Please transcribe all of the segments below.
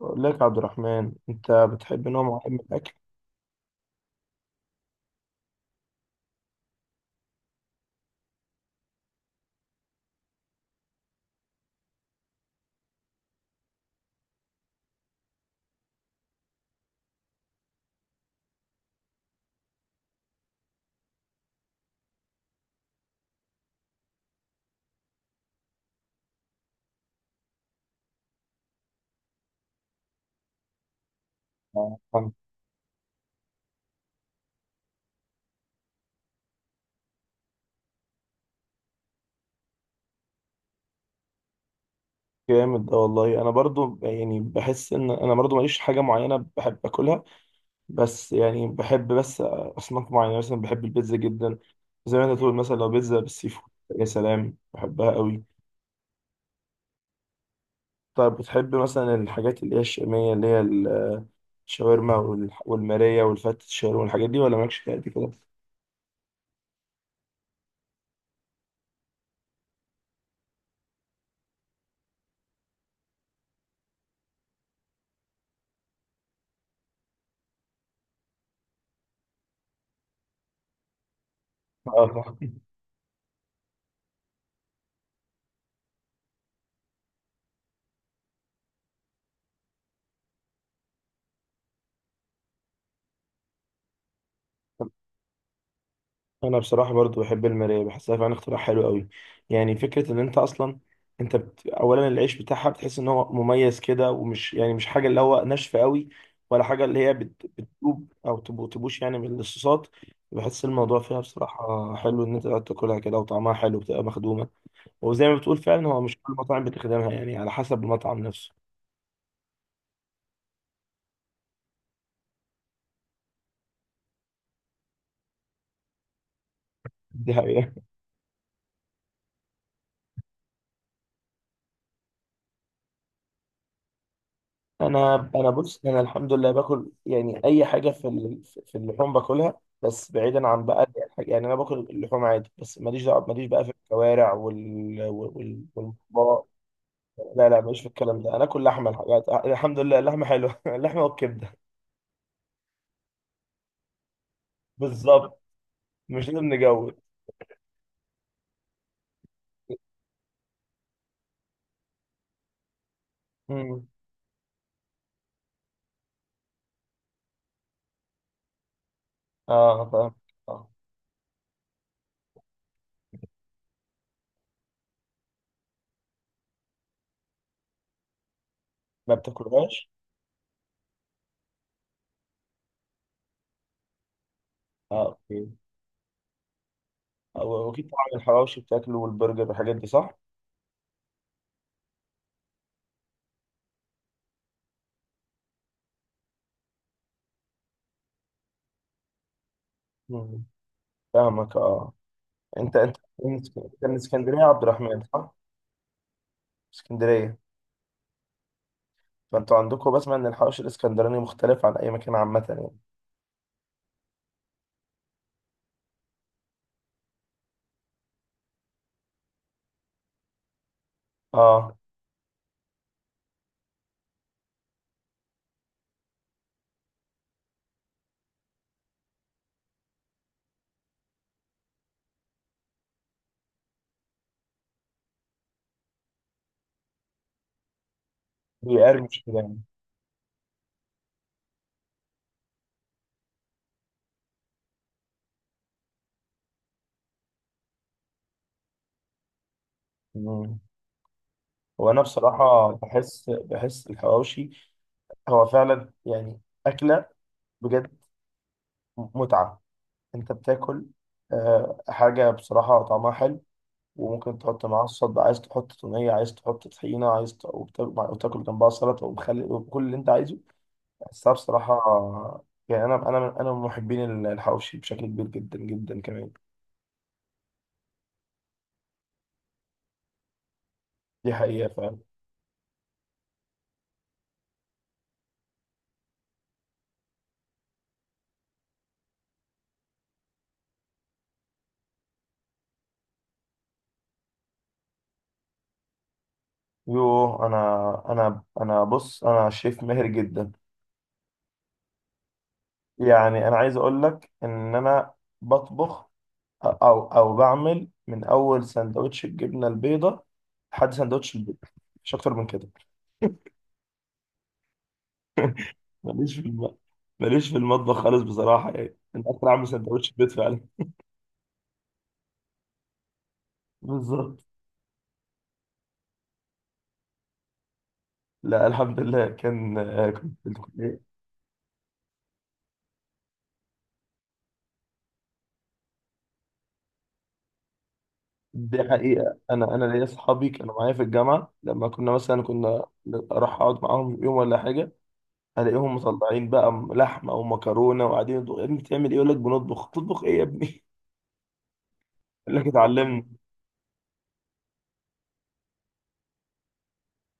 بقول لك يا عبد الرحمن انت بتحب نوع معين من الاكل؟ آه، جامد ده والله. انا برضو يعني بحس ان انا برضو ماليش حاجه معينه بحب اكلها، بس يعني بحب بس اصناف معينه، مثلا بحب البيتزا جدا. زي ما انت تقول، مثلا لو بيتزا بالسي فود، يا سلام بحبها قوي. طب بتحب مثلا الحاجات اللي هي الشاميه، اللي هي الشاورما والماريه والفتة، الشاورما والحاجات دي، ولا مالكش فيها قد كده؟ اه، انا بصراحه برضو بحب المرايه، بحسها فعلا اختراع حلو قوي. يعني فكره ان انت اصلا، اولا العيش بتاعها بتحس ان هو مميز كده، ومش يعني مش حاجه اللي هو ناشفه قوي، ولا حاجه اللي هي بتدوب او تبوش يعني من الصوصات. بحس الموضوع فيها بصراحه حلو، ان انت قاعد تاكلها كده وطعمها حلو بتبقى مخدومه. وزي ما بتقول فعلا، هو مش كل المطاعم بتخدمها، يعني على حسب المطعم نفسه. دي حقيقه. انا بص، انا الحمد لله باكل يعني اي حاجه في اللحوم باكلها، بس بعيدا عن بقى دي الحاجة. يعني انا باكل اللحوم عادي، بس ماليش دعوه، ماليش بقى في الكوارع والمطبخ. لا لا، ماليش في الكلام ده، انا اكل لحمه، الحاجات الحمد لله اللحمه حلوه. اللحمه والكبده. بالظبط، مش لازم نجود. امم. اه، فاهم. آه. ما بتاكلهاش. اه، اوكي. واكيد طبعا الحواوشي بتاكله والبرجر والحاجات دي، صح؟ مم. فاهمك، اه. انت انت انت من اسكندريه يا عبد الرحمن، صح؟ اسكندريه. فانتوا عندكم، بسمع ان الحوش الاسكندراني مختلف عن اي مكان عامه يعني. اه، بيقرمش كده يعني. مم. وانا بصراحه بحس الحواوشي هو فعلا، يعني اكله بجد متعه. انت بتاكل حاجه بصراحه طعمها حلو، وممكن تحط معاها الصوص بقى، عايز تحط توميه، عايز تحط طحينه، وتاكل جنبها سلطه ومخلل وكل اللي انت عايزه. بس أنا بصراحة يعني أنا من محبين الحواوشي بشكل كبير جدا جدا كمان. دي حقيقة فعلا. يوه، أنا أنا أنا بص أنا شيف ماهر جدا. يعني أنا عايز أقول لك إن أنا بطبخ أو بعمل من أول سندوتش الجبنة البيضاء لحد سندوتش البيض، مش أكتر من كده. ماليش في الم... ماليش في المطبخ خالص بصراحة، يعني أنت أكتر عامل سندوتش البيض فعلا. بالظبط. لا الحمد لله، كنت في الكلية. دي حقيقة، أنا ليا أصحابي كانوا معايا في الجامعة، لما مثلا كنا أروح أقعد معاهم يوم ولا حاجة، ألاقيهم مطلعين بقى لحمة أو مكرونة وقاعدين يطبخوا. يا ابني بتعمل إيه؟ يقول لك بنطبخ. تطبخ إيه يا ابني؟ يقول لك اتعلمنا.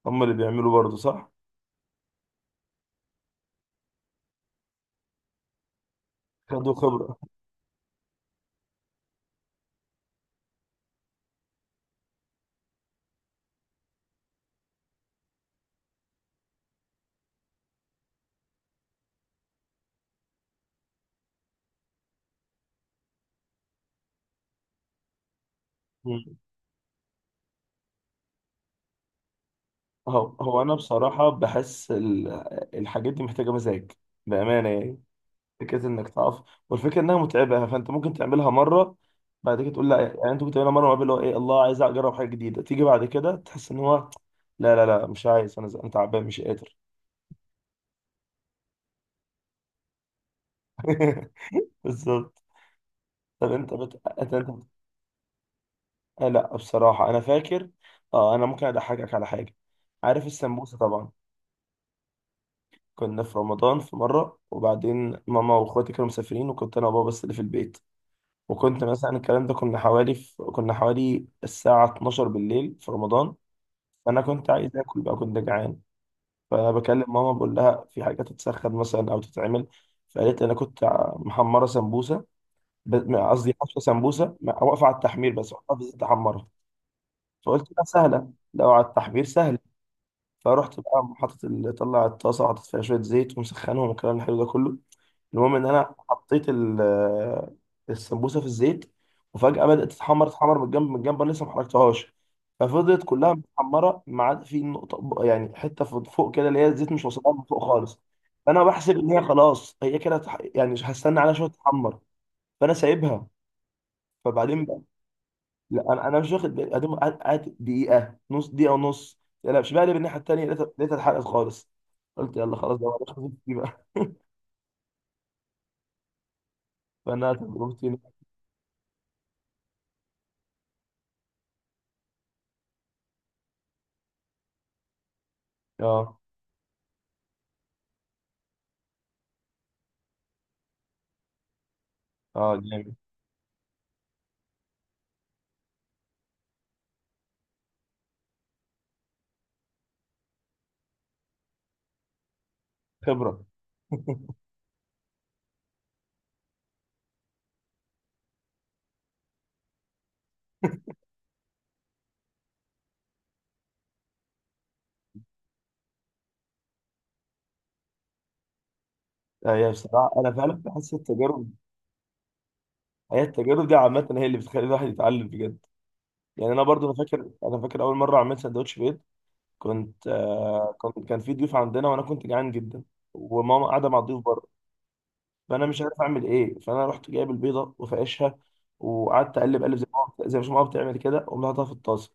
هم اللي بيعملوا برضه، صح؟ خدوا خبرة. مم. هو أنا بصراحة بحس الحاجات دي محتاجة مزاج، بأمانة يعني. فكره انك تقف، والفكره انها متعبه يعني، فانت ممكن تعملها مره، بعد كده تقول لا، يعني انت ممكن تعملها مره، وقبل اللي هو ايه، الله عايز اجرب حاجه جديده، تيجي بعد كده تحس ان هو لا لا لا، مش عايز، انا زهقان تعبان مش قادر. بالظبط. طب انت بت... انت انت آه، لا بصراحه انا فاكر. اه، انا ممكن اضحكك على حاجه. عارف السمبوسه طبعا، كنا في رمضان في مره، وبعدين ماما واخواتي كانوا مسافرين، وكنت انا وبابا بس اللي في البيت. وكنت مثلا الكلام ده، كنا حوالي الساعه 12 بالليل في رمضان، انا كنت عايز اكل بقى، كنت جعان. فبكلم ماما، بقول لها في حاجه تتسخن مثلا او تتعمل. فقالت لي انا كنت محمره سمبوسه، قصدي حفصه سمبوسه، واقفه على التحمير، بس واقفه في الزيت احمرها. فقلت لها سهله، لو على التحمير سهله. فرحت بقى طلع الطاسه، وحطيت فيها شويه زيت ومسخنهم والكلام الحلو ده كله. المهم ان انا حطيت السمبوسه في الزيت، وفجاه بدات تتحمر تتحمر من الجنب، من الجنب انا لسه ما حركتهاش. ففضلت كلها متحمره، ما عدا في نقطه يعني حته فوق فوق كده، اللي هي الزيت مش واصلها من فوق خالص. فانا بحسب ان هي خلاص، هي كده يعني مش هستنى عليها، شويه تتحمر، فانا سايبها. فبعدين لا، انا مش واخد بالي، قعد دقيقه، نص دقيقه ونص. لا لا، مش بقلب الناحيه التانيه، لقيتها اتحرقت خالص. قلت يلا خلاص، ده مالهاش خبرتي بقى. فانا تجربتي. اه، اه، جامد خبره. آه، هي بصراحه انا فعلا بحس التجارب، هي التجارب دي عامه هي اللي بتخلي الواحد يتعلم بجد. يعني انا برضو انا فاكر اول مره عملت سندوتش بيض. كنت آه كنت كان في ضيوف عندنا وانا كنت جعان جدا، وماما قاعده مع الضيوف بره، فانا مش عارف اعمل ايه. فانا رحت جايب البيضه وفقشها، وقعدت اقلب اقلب زي ما ماما بتعمل كده، وقمت حاططها في الطاسه.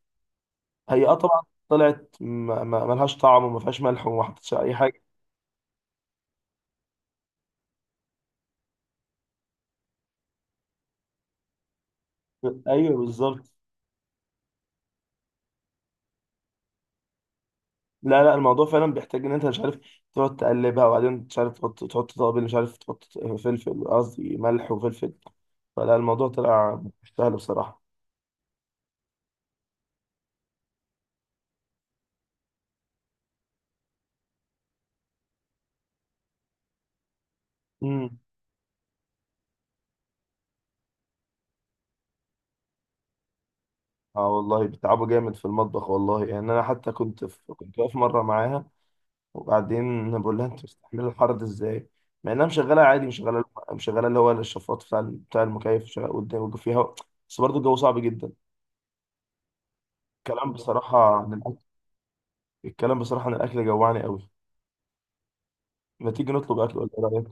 هي طبعا طلعت ملهاش طعم، وما فيهاش ملح، وما حطيتش اي حاجه. ايوه بالظبط. لا لا، الموضوع فعلا بيحتاج ان انت مش عارف تقعد تقلبها، وبعدين مش عارف تحط توابل، مش عارف تحط فلفل، قصدي ملح وفلفل، فلا الموضوع طلع مش سهل بصراحه. امم. اه والله، بيتعبوا جامد في المطبخ والله، يعني انا حتى كنت واقف مره معاها، وبعدين بقول لها انت مستحمله الحر ده ازاي، مع انها مشغله عادي، مشغله اللي هو الشفاط بتاع المكيف شغال قدام، فيها بس برضه الجو صعب جدا. الكلام بصراحه عن الاكل الكلام بصراحه عن الاكل جوعني قوي. ما تيجي نطلب اكل، ولا ايه رايك؟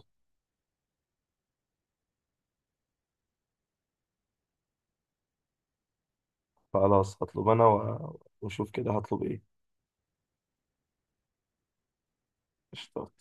خلاص، هطلب انا واشوف كده هطلب ايه. قشطة.